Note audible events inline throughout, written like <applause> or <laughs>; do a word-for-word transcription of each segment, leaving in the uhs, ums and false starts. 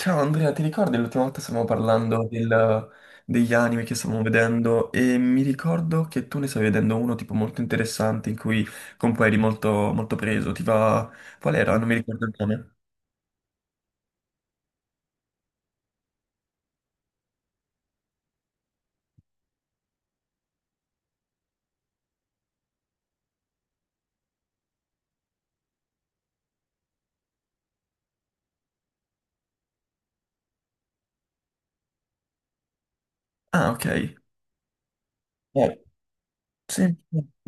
Ciao Andrea, ti ricordi l'ultima volta stavamo parlando del- degli anime che stavamo vedendo? E mi ricordo che tu ne stavi vedendo uno tipo molto interessante in cui con cui eri molto, molto preso. Ti va... Qual era? Non mi ricordo il nome. Ah, ok. Eh, sì, <laughs>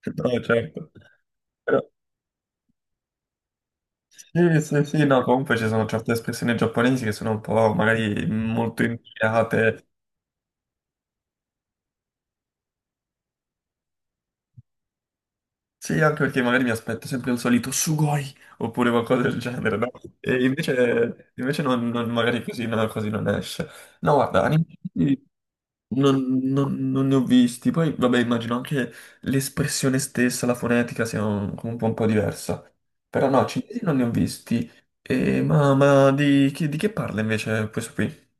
sì, no, certo. Però- Sì, sì, sì, no, comunque ci sono certe espressioni giapponesi che sono un po' magari molto indicate. Sì, anche perché magari mi aspetto sempre il solito sugoi oppure qualcosa del genere, no? E invece, invece non, non- magari così, no, così non esce. No, guarda, animati non, non- non ne ho visti. Poi, vabbè, immagino anche l'espressione stessa, la fonetica sia un, un po', un po' diversa. Però no, cinesi non ne ho visti. E, ma ma di, chi- di che parla invece questo qui?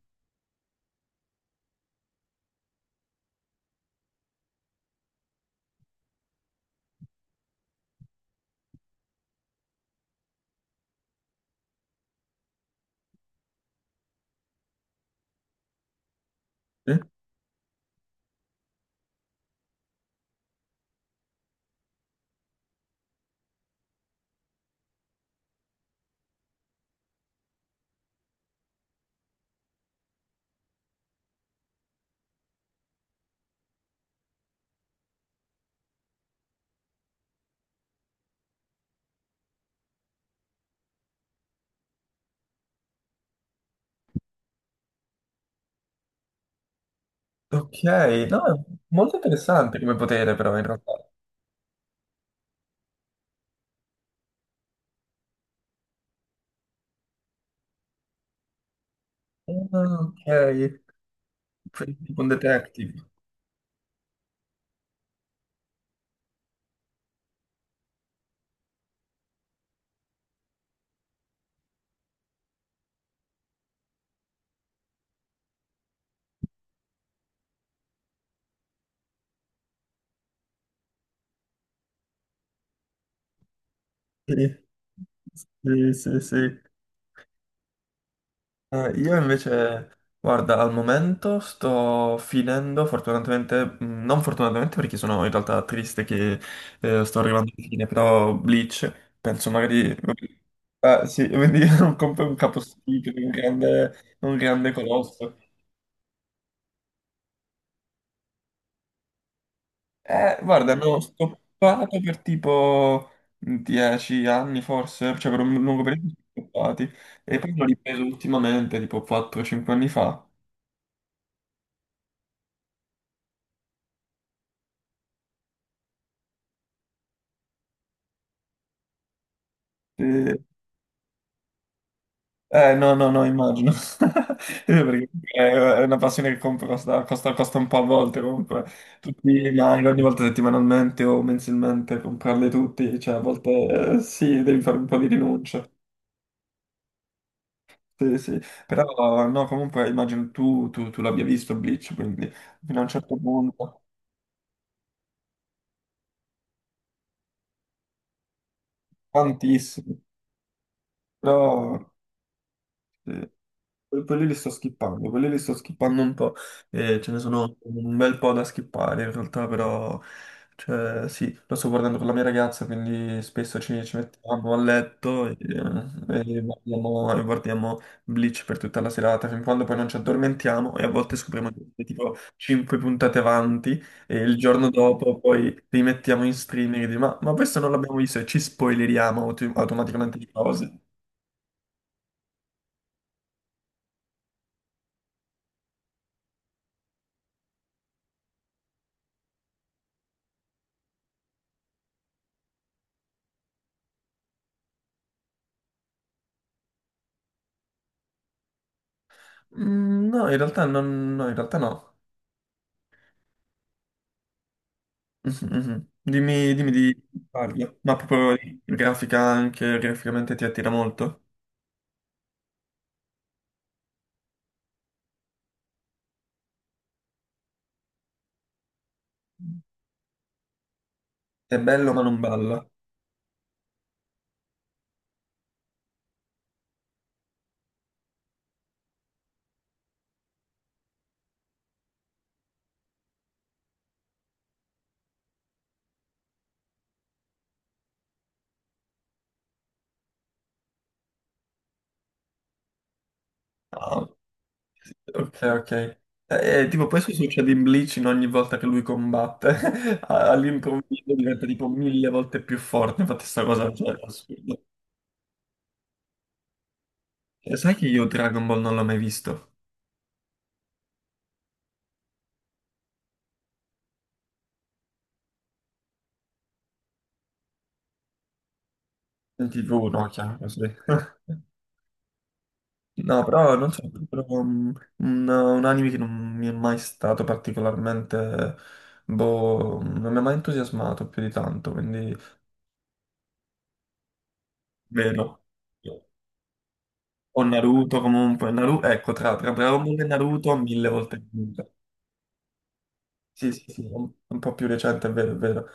Eh? Ok, no, molto interessante come potere però in realtà. Ah, ok, tipo un detective. Sì. Sì, sì, sì. Eh, io invece, guarda, al momento sto finendo, fortunatamente, mh, non fortunatamente perché sono in realtà triste che eh, sto arrivando alla fine, però Bleach, penso magari... Ah, sì, quindi <laughs> non compro un capostipite, un grande, un grande colosso. Eh, guarda, ne ho stoppato per tipo dieci anni forse, cioè per un lungo periodo sono stoppati, e poi l'ho ripreso ultimamente, tipo quattro cinque anni fa. Eh, no, no, no, immagino. <laughs> Perché eh, è una passione che compro, costa, costa, costa un po' a volte comunque. Tutti i manga, ogni volta settimanalmente o mensilmente, comprarli tutti, cioè a volte eh, sì, devi fare un po' di rinuncia. Sì, sì. Però no, comunque immagino tu, tu, tu l'abbia visto Bleach, quindi fino a un certo punto, tantissimo. Però Eh, que- quelli li sto skippando, quelli li sto skippando un po'. Eh, ce ne sono un bel po' da skippare in realtà, però cioè, sì, lo sto guardando con la mia ragazza, quindi spesso ci, ci mettiamo a letto e, e guardiamo, e guardiamo Bleach per tutta la serata, fin quando poi non ci addormentiamo e a volte scopriamo di essere tipo cinque puntate avanti, e il giorno dopo poi rimettiamo in streaming e dici, ma, ma questo non l'abbiamo visto e ci spoileriamo auto- automaticamente di cose. Mm, no, in realtà non, no, in realtà no. Mhm, mhm. Dimmi, dimmi di parli. Ma proprio di grafica anche, graficamente ti attira molto. È bello ma non balla. Ah, ok, ok. Eh, eh, tipo, questo succede in Bleach in ogni volta che lui combatte. <laughs> A- All'improvviso diventa tipo mille volte più forte. Infatti sta cosa cioè, è assurda. E sai che io Dragon Ball non l'ho mai visto? In ti vu, no, chiaro, sì. <laughs> No, però non so, è proprio un, un- un anime che non mi è mai stato particolarmente, boh, non mi ha mai entusiasmato più di tanto, quindi meno. O Naruto comunque, Naruto, ecco, tra, tra Dragon Ball e Naruto mille volte meglio. Sì, sì, sì, un, un po' più recente, è vero, è vero.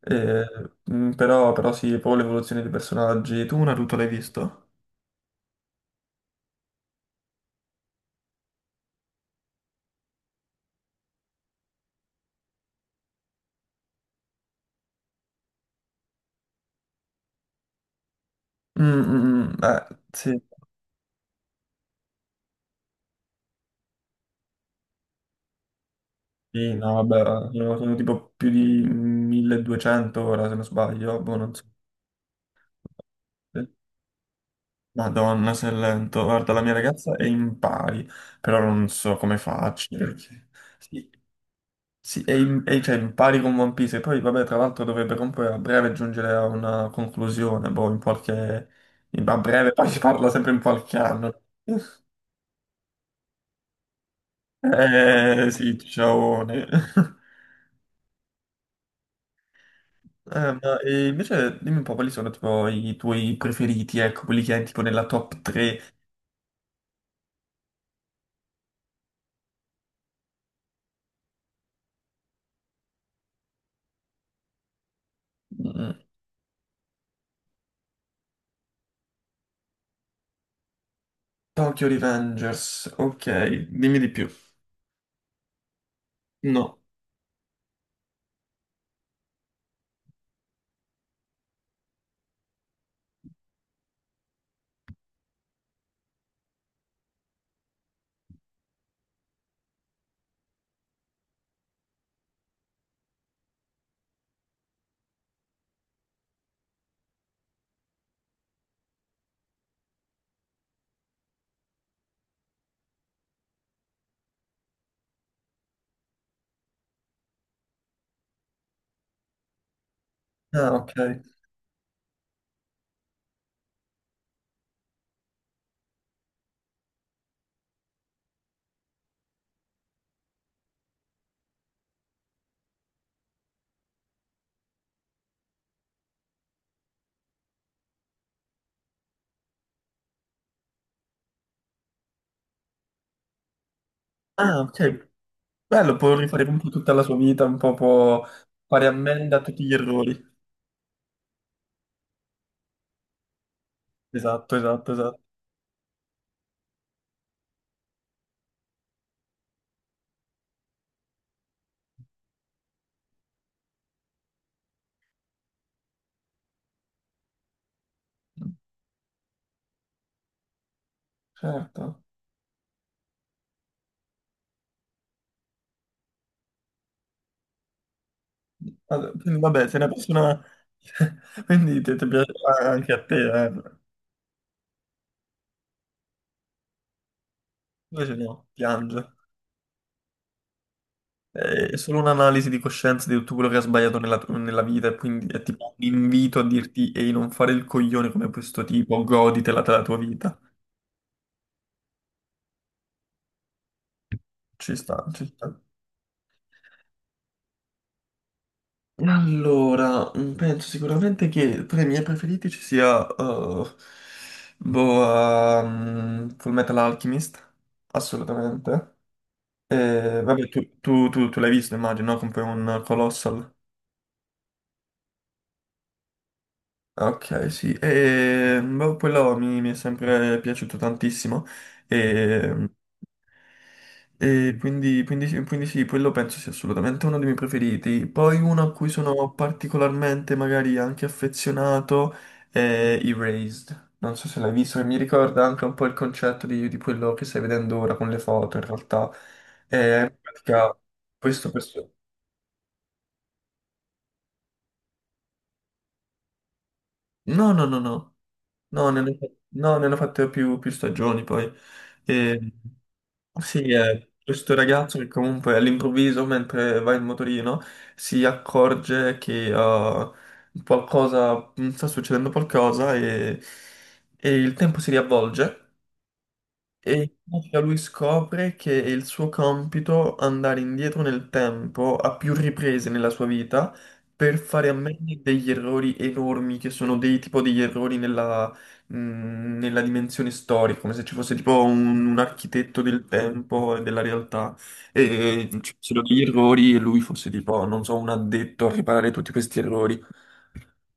Eh, mm, però, però sì, poi l'evoluzione dei personaggi. Tu Naruto l'hai visto? Mm, mm, mm, eh, sì. Sì, no, vabbè, sono, sono tipo più di milleduecento ora, se non sbaglio, boh, non so. Sì. Madonna, se è lento. Guarda, la mia ragazza è in pari, però non so come faccio, perché... Sì, sì, è in, è- cioè, in pari con One Piece, e poi, vabbè, tra l'altro dovrebbe comunque a breve giungere a una conclusione, boh, in qualche... in- A breve, poi si parla sempre in qualche anno. <laughs> Eh, sì, ciao. <laughs> Eh, ma e invece dimmi un po' quali sono tipo, i tuoi preferiti, ecco, quelli che hai tipo nella top tre. Mm, Tokyo Revengers, ok, dimmi di più. No. Ah, ok. Ah, ok. Bello, può rifare un po' tutta la sua vita, un po' può fare ammenda a tutti gli errori. Esatto, esatto, esatto. Certo. Allora, quindi, vabbè, se una persona... <laughs> Quindi ti, ti piace anche a te, eh. Invece no, piange. È solo un'analisi di coscienza di tutto quello che ha sbagliato nella, nella vita, e quindi è tipo un invito a dirti ehi, non fare il coglione come questo tipo, goditela della tua vita. Ci sta, ci sta. Allora, mm, penso sicuramente che tra i miei preferiti ci sia eh, boh, ehm, Full Metal Alchemist, assolutamente. Eh, vabbè, tu, tu- tu- tu l'hai visto, immagino, no? Come un Colossal. Ok, sì, e boh, quello mi, mi è sempre piaciuto tantissimo e, e quindi, quindi sì, quindi sì, quello penso sia assolutamente uno dei miei preferiti. Poi uno a cui sono particolarmente magari anche affezionato è Erased, non so se l'hai visto, e mi ricorda anche un po' il concetto di, di quello che stai vedendo ora con le foto in realtà. È in pratica questo, questo no, no, no, no. No, ne hanno, fa- no, ne hanno fatte più, più stagioni poi. E, sì, è questo ragazzo che comunque all'improvviso, mentre va in motorino, si accorge che ah, qualcosa, mm, sta succedendo qualcosa e, e il tempo si riavvolge, e in pratica lui scopre che è il suo compito andare indietro nel tempo a più riprese nella sua vita per fare a meno degli errori enormi, che sono dei tipo degli errori nella, mh, nella dimensione storica, come se ci fosse tipo un, un architetto del tempo e della realtà e mm, ci fossero degli errori e lui fosse tipo, non so, un addetto a riparare tutti questi errori.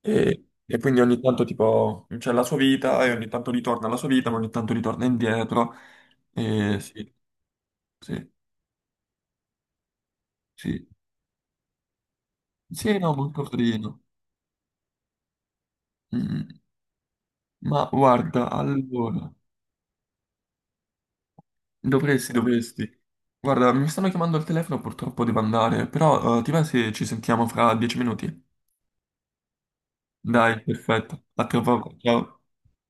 E, e quindi ogni tanto tipo c'è la sua vita e ogni tanto ritorna alla sua vita, ma ogni tanto ritorna indietro. E sì, sì, sì. Sì, no, molto carino. Mm, ma guarda, allora, dovresti, dovresti. Guarda, mi stanno chiamando al telefono, purtroppo devo andare, però eh, ti va se ci sentiamo fra dieci minuti? Dai, perfetto. A tra poco. Ciao.